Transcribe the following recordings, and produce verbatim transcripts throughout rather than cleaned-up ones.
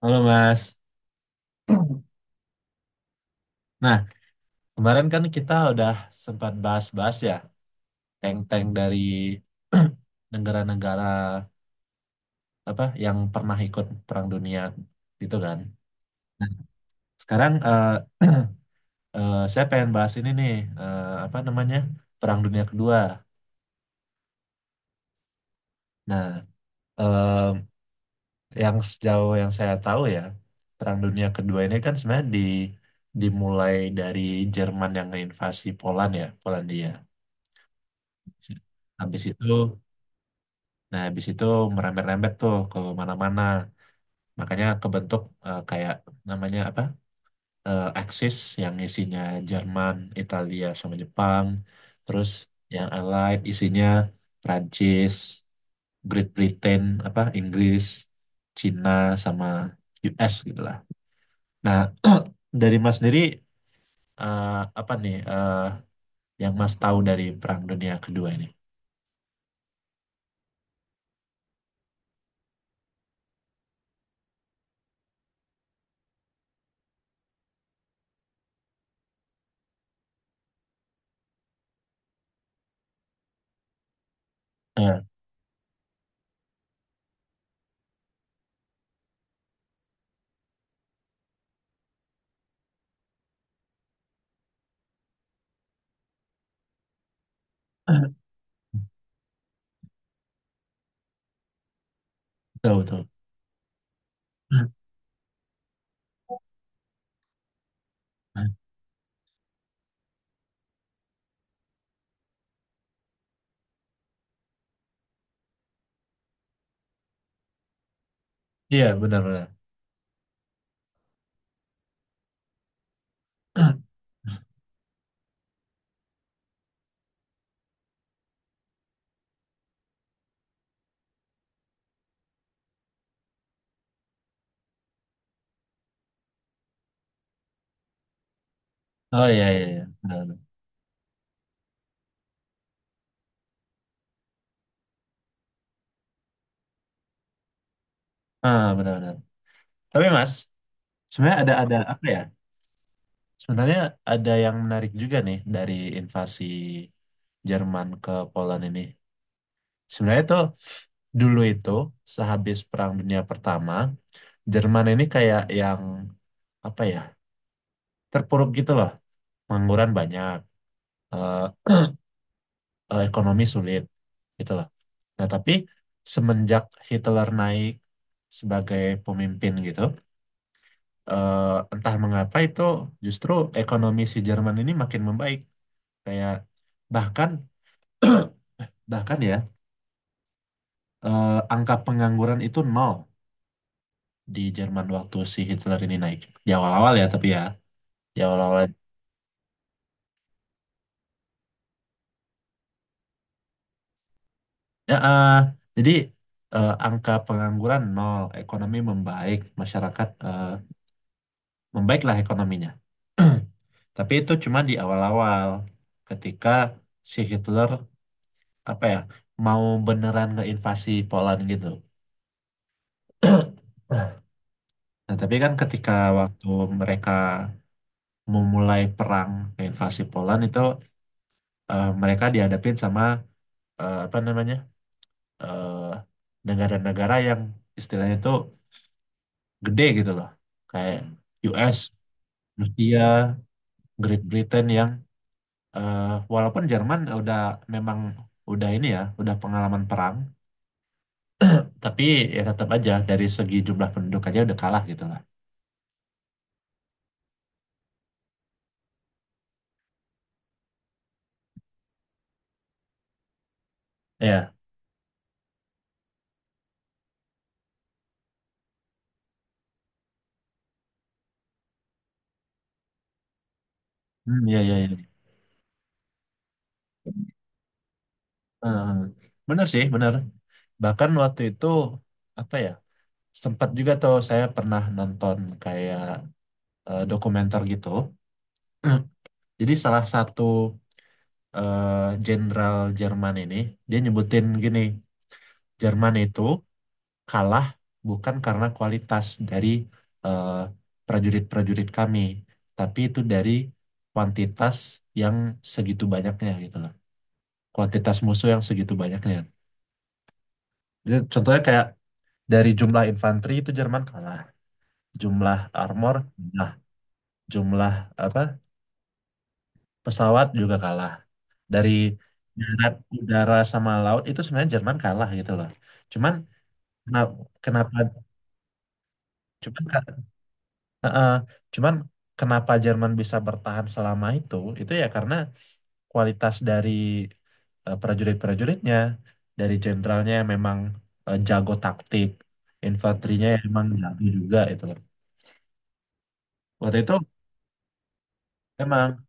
Halo Mas. Nah, kemarin kan kita udah sempat bahas-bahas ya tank-tank dari negara-negara apa yang pernah ikut Perang Dunia gitu kan. Nah, sekarang eh, eh, saya pengen bahas ini nih, eh, apa namanya, Perang Dunia Kedua. Nah, eh, yang sejauh yang saya tahu ya, Perang Dunia Kedua ini kan sebenarnya di dimulai dari Jerman yang invasi Poland ya, Polandia. Habis itu, nah, habis itu merembet-rembet tuh ke mana-mana. Makanya kebentuk eh, kayak namanya apa? Eh, Axis yang isinya Jerman, Italia sama Jepang. Terus yang Allied isinya Prancis, Great Britain, apa Inggris, Cina sama U S gitu lah. Nah, dari Mas sendiri, eh, apa nih, eh, yang Mas tahu dari Perang Dunia Kedua ini? Eh, betul betul. Iya, benar-benar. Oh iya iya iya, benar-benar. Ah benar-benar. Tapi Mas, sebenarnya ada ada apa ya? Sebenarnya ada yang menarik juga nih dari invasi Jerman ke Poland ini. Sebenarnya tuh dulu itu sehabis Perang Dunia Pertama, Jerman ini kayak yang apa ya? Terpuruk gitu loh. Pengangguran banyak, eh, eh, ekonomi sulit gitu loh. Nah, tapi semenjak Hitler naik sebagai pemimpin gitu, eh, entah mengapa itu justru ekonomi si Jerman ini makin membaik. Kayak bahkan, bahkan ya, eh, angka pengangguran itu nol di Jerman waktu si Hitler ini naik. Di awal-awal ya tapi ya, di awal-awal ya, eh, jadi eh, angka pengangguran nol, ekonomi membaik, masyarakat, eh, membaiklah ekonominya. Tapi itu cuma di awal-awal ketika si Hitler apa ya, mau beneran ngeinvasi Poland gitu. Nah, tapi kan ketika waktu mereka memulai perang ke invasi Poland itu, eh, mereka dihadapin sama, eh, apa namanya, eh, negara-negara yang istilahnya itu gede gitu loh, kayak U S, Rusia, Great Britain yang, eh, walaupun Jerman udah memang udah ini ya, udah pengalaman perang, tapi ya tetap aja dari segi jumlah penduduk aja udah kalah gitu lah. Ya, hmm, ya, ya, ya. Eh, bener sih, bener. Bahkan waktu itu apa ya? Sempat juga tuh saya pernah nonton kayak eh, dokumenter gitu. Jadi salah satu eh, jenderal Jerman ini dia nyebutin gini, Jerman itu kalah bukan karena kualitas dari eh, prajurit-prajurit kami, tapi itu dari kuantitas yang segitu banyaknya gitu loh. Kuantitas musuh yang segitu banyaknya. Jadi contohnya kayak dari jumlah infanteri itu Jerman kalah, jumlah armor kalah, jumlah apa, pesawat juga kalah, dari darat udara sama laut itu sebenarnya Jerman kalah gitu loh, cuman kenapa kenapa cuman ka- eh, eh, cuman kenapa Jerman bisa bertahan selama itu itu ya karena kualitas dari eh, prajurit-prajuritnya, dari jenderalnya yang memang eh, jago taktik, infanterinya yang memang jago juga itu loh waktu itu. Emang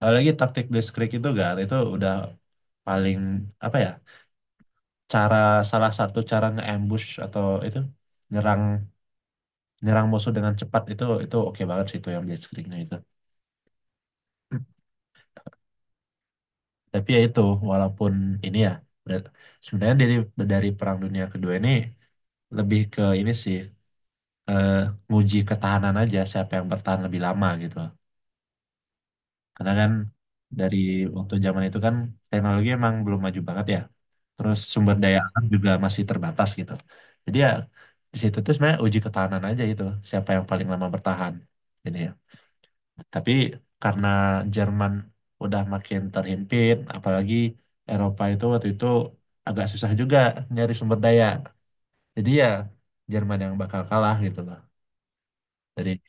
apalagi taktik blitzkrieg itu kan itu udah paling apa ya, cara, salah satu cara nge-ambush atau itu, nyerang nyerang musuh dengan cepat, itu itu oke banget sih itu yang blitzkriegnya itu. Tapi ya itu, walaupun ini ya, ber- sebenarnya dari, dari Perang Dunia Kedua ini lebih ke ini sih, eh, nguji ketahanan aja siapa yang bertahan lebih lama gitu. Karena kan dari waktu zaman itu kan teknologi emang belum maju banget ya, terus sumber daya alam juga masih terbatas gitu. Jadi ya di situ tuh sebenarnya uji ketahanan aja itu siapa yang paling lama bertahan ini ya. Tapi karena Jerman udah makin terhimpit, apalagi Eropa itu waktu itu agak susah juga nyari sumber daya. Jadi ya Jerman yang bakal kalah gitu loh. Jadi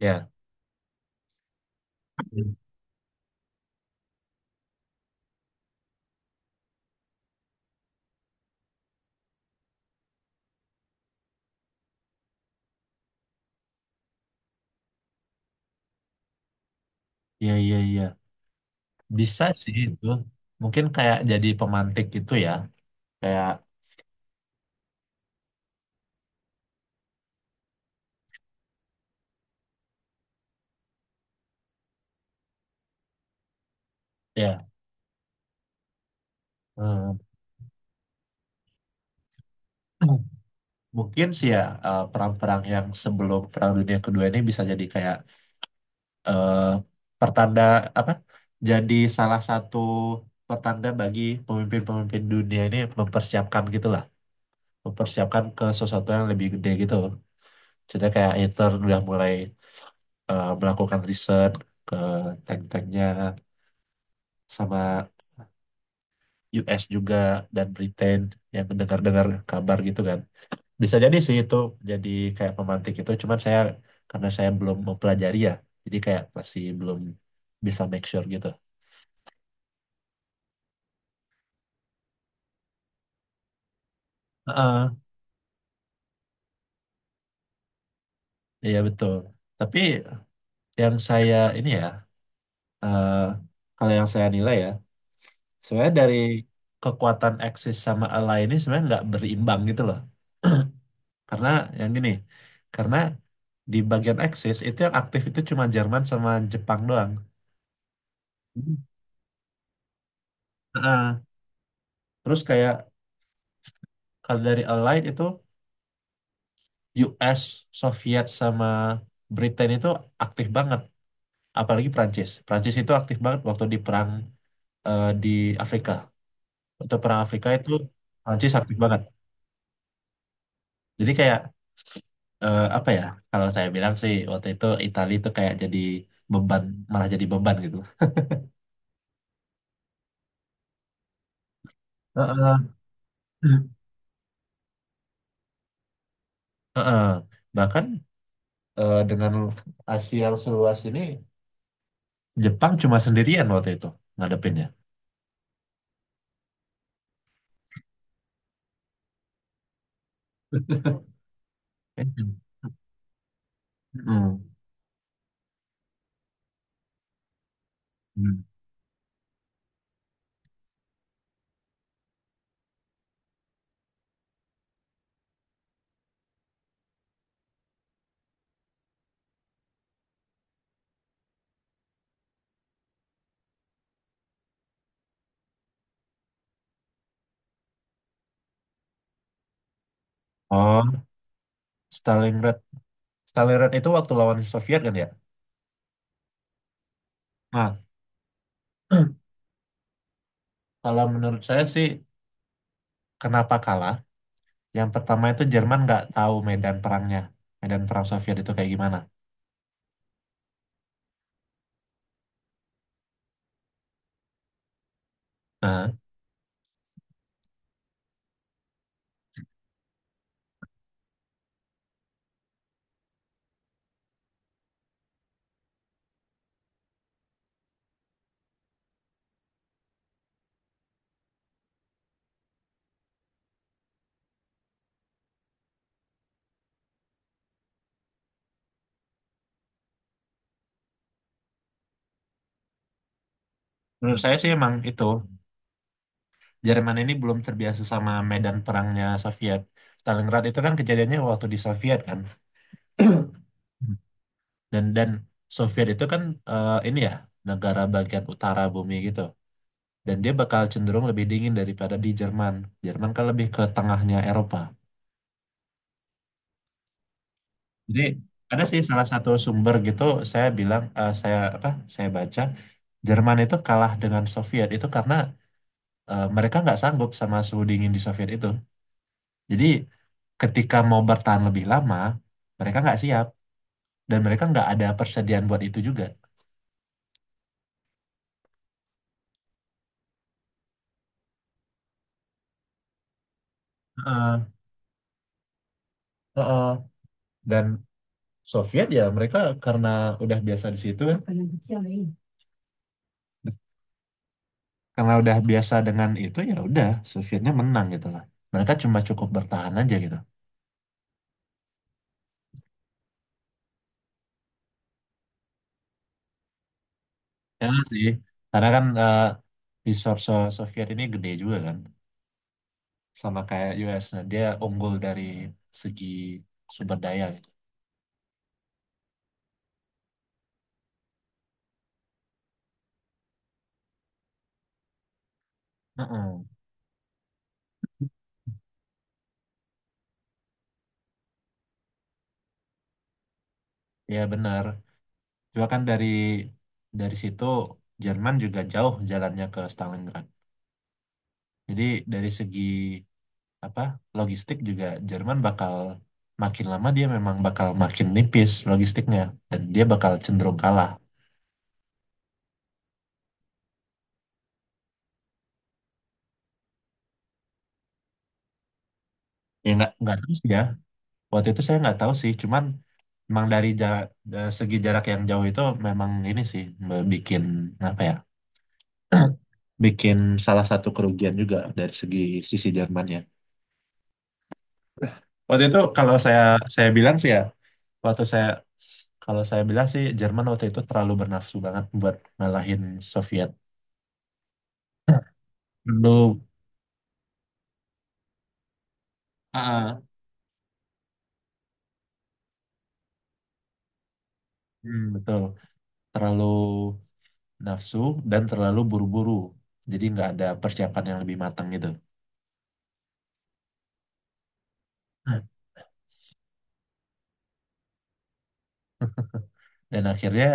ya, ya, ya, ya. Bisa sih itu. Mungkin kayak jadi pemantik gitu ya. Kayak ya. eh, Mungkin sih ya, eh, perang-perang yang sebelum Perang Dunia Kedua ini bisa jadi kayak eh, pertanda apa? Jadi salah satu pertanda bagi pemimpin-pemimpin dunia ini mempersiapkan gitulah, mempersiapkan ke sesuatu yang lebih gede gitu. Jadi kayak Hitler udah mulai eh, melakukan riset ke tank-tanknya sama U S juga dan Britain yang mendengar-dengar kabar gitu kan. Bisa jadi sih itu, jadi kayak pemantik itu, cuman saya karena saya belum mempelajari ya, jadi kayak masih belum bisa make sure gitu. Heeh, iya betul. Tapi yang saya ini ya, eh, kalau yang saya nilai ya, sebenarnya dari kekuatan Axis sama Ally ini sebenarnya nggak berimbang gitu loh. Karena yang gini, karena di bagian Axis itu yang aktif itu cuma Jerman sama Jepang doang. Hmm. Heeh. Terus kayak kalau dari Allied itu U S, Soviet sama Britain itu aktif banget, apalagi Prancis. Prancis itu aktif banget waktu di perang eh, di Afrika. Waktu perang Afrika itu Prancis aktif banget. Jadi kayak eh, apa ya? Kalau saya bilang sih waktu itu Italia itu kayak jadi beban, malah jadi beban gitu. Heeh. Heeh. Bahkan eh, dengan Asia yang seluas ini Jepang cuma sendirian waktu itu ngadepinnya. Eh, hmm. Hmm. Oh, Stalingrad Stalingrad itu waktu lawan Soviet kan ya. Nah, kalau menurut saya sih, kenapa kalah? Yang pertama itu Jerman nggak tahu medan perangnya, medan perang Soviet itu kayak gimana. Nah, menurut saya sih emang itu Jerman ini belum terbiasa sama medan perangnya Soviet. Stalingrad itu kan kejadiannya waktu di Soviet kan. Hmm. dan dan Soviet itu kan, eh, ini ya, negara bagian utara bumi gitu, dan dia bakal cenderung lebih dingin daripada di Jerman. Jerman kan lebih ke tengahnya Eropa. Jadi ada sih salah satu sumber gitu, saya bilang eh, saya apa, saya baca Jerman itu kalah dengan Soviet itu karena eh, mereka nggak sanggup sama suhu dingin di Soviet itu. Jadi ketika mau bertahan lebih lama mereka nggak siap dan mereka nggak ada persediaan buat itu juga. Heeh, heeh. Dan Soviet ya mereka karena udah biasa di situ kan, karena udah biasa dengan itu ya udah, Sovietnya menang gitu lah. Mereka cuma cukup bertahan aja gitu. Ya sih, karena kan eh, di so- so- Soviet ini gede juga kan, sama kayak U S. Nah, dia unggul dari segi sumber daya gitu. Heeh. Ya benar. Juga kan dari dari situ Jerman juga jauh jalannya ke Stalingrad. Jadi dari segi apa, logistik juga Jerman bakal makin lama dia memang bakal makin nipis logistiknya dan dia bakal cenderung kalah. Ya nggak nggak terus ya. Waktu itu saya nggak tahu sih cuman memang dari jarak, da- segi jarak yang jauh itu memang ini sih, me- bikin apa ya, bikin salah satu kerugian juga dari segi sisi Jermannya waktu itu, kalau saya saya bilang sih ya waktu saya, kalau saya bilang sih Jerman waktu itu terlalu bernafsu banget buat ngalahin Soviet dulu. Ah, hmm, betul. Terlalu nafsu dan terlalu buru-buru. Jadi nggak ada persiapan yang lebih matang gitu. Dan akhirnya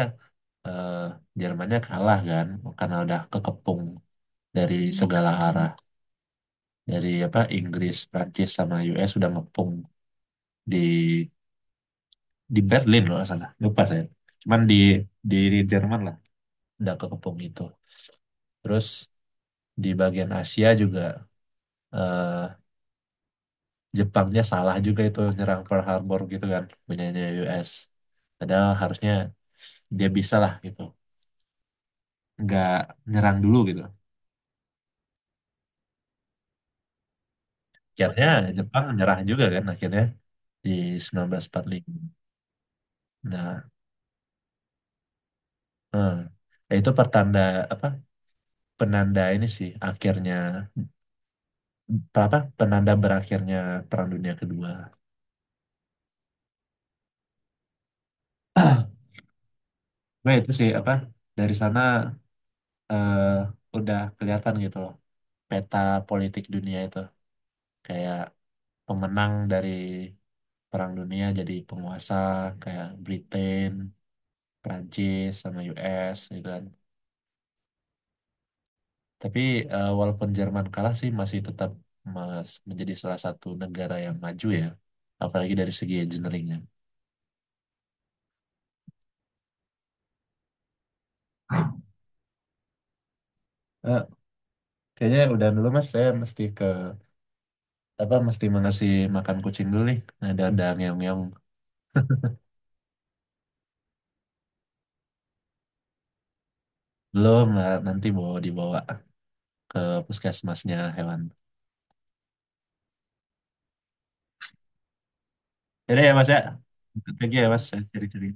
eh, Jermannya kalah kan karena udah kekepung dari segala arah, dari apa, Inggris, Prancis sama U S udah ngepung di, di Berlin loh salah, lupa saya, cuman di, di Jerman lah udah kekepung itu. Terus di bagian Asia juga eh, Jepangnya salah juga itu nyerang Pearl Harbor gitu kan, punyanya U S, padahal harusnya dia bisa lah gitu nggak nyerang dulu gitu. Akhirnya Jepang menyerah juga kan akhirnya di seribu sembilan ratus empat puluh lima. Nah, eh, nah, itu pertanda apa? Penanda ini sih akhirnya, pe- apa? Penanda berakhirnya Perang Dunia Kedua. Nah, itu sih apa? Dari sana eh, udah kelihatan gitu loh peta politik dunia itu, kayak pemenang dari Perang Dunia jadi penguasa kayak Britain, Prancis sama U S gitu kan. Tapi eh, walaupun Jerman kalah sih masih tetap mas menjadi salah satu negara yang maju ya, apalagi dari segi engineeringnya. Eh, kayaknya udah dulu mas, saya mesti ke apa, mesti mengasih makan kucing dulu nih. Ada ada ngeong-ngeong, belum lah, nanti bawa, dibawa ke puskesmasnya hewan. Jadi ya mas ya, thank you ya mas, saya cari-cari.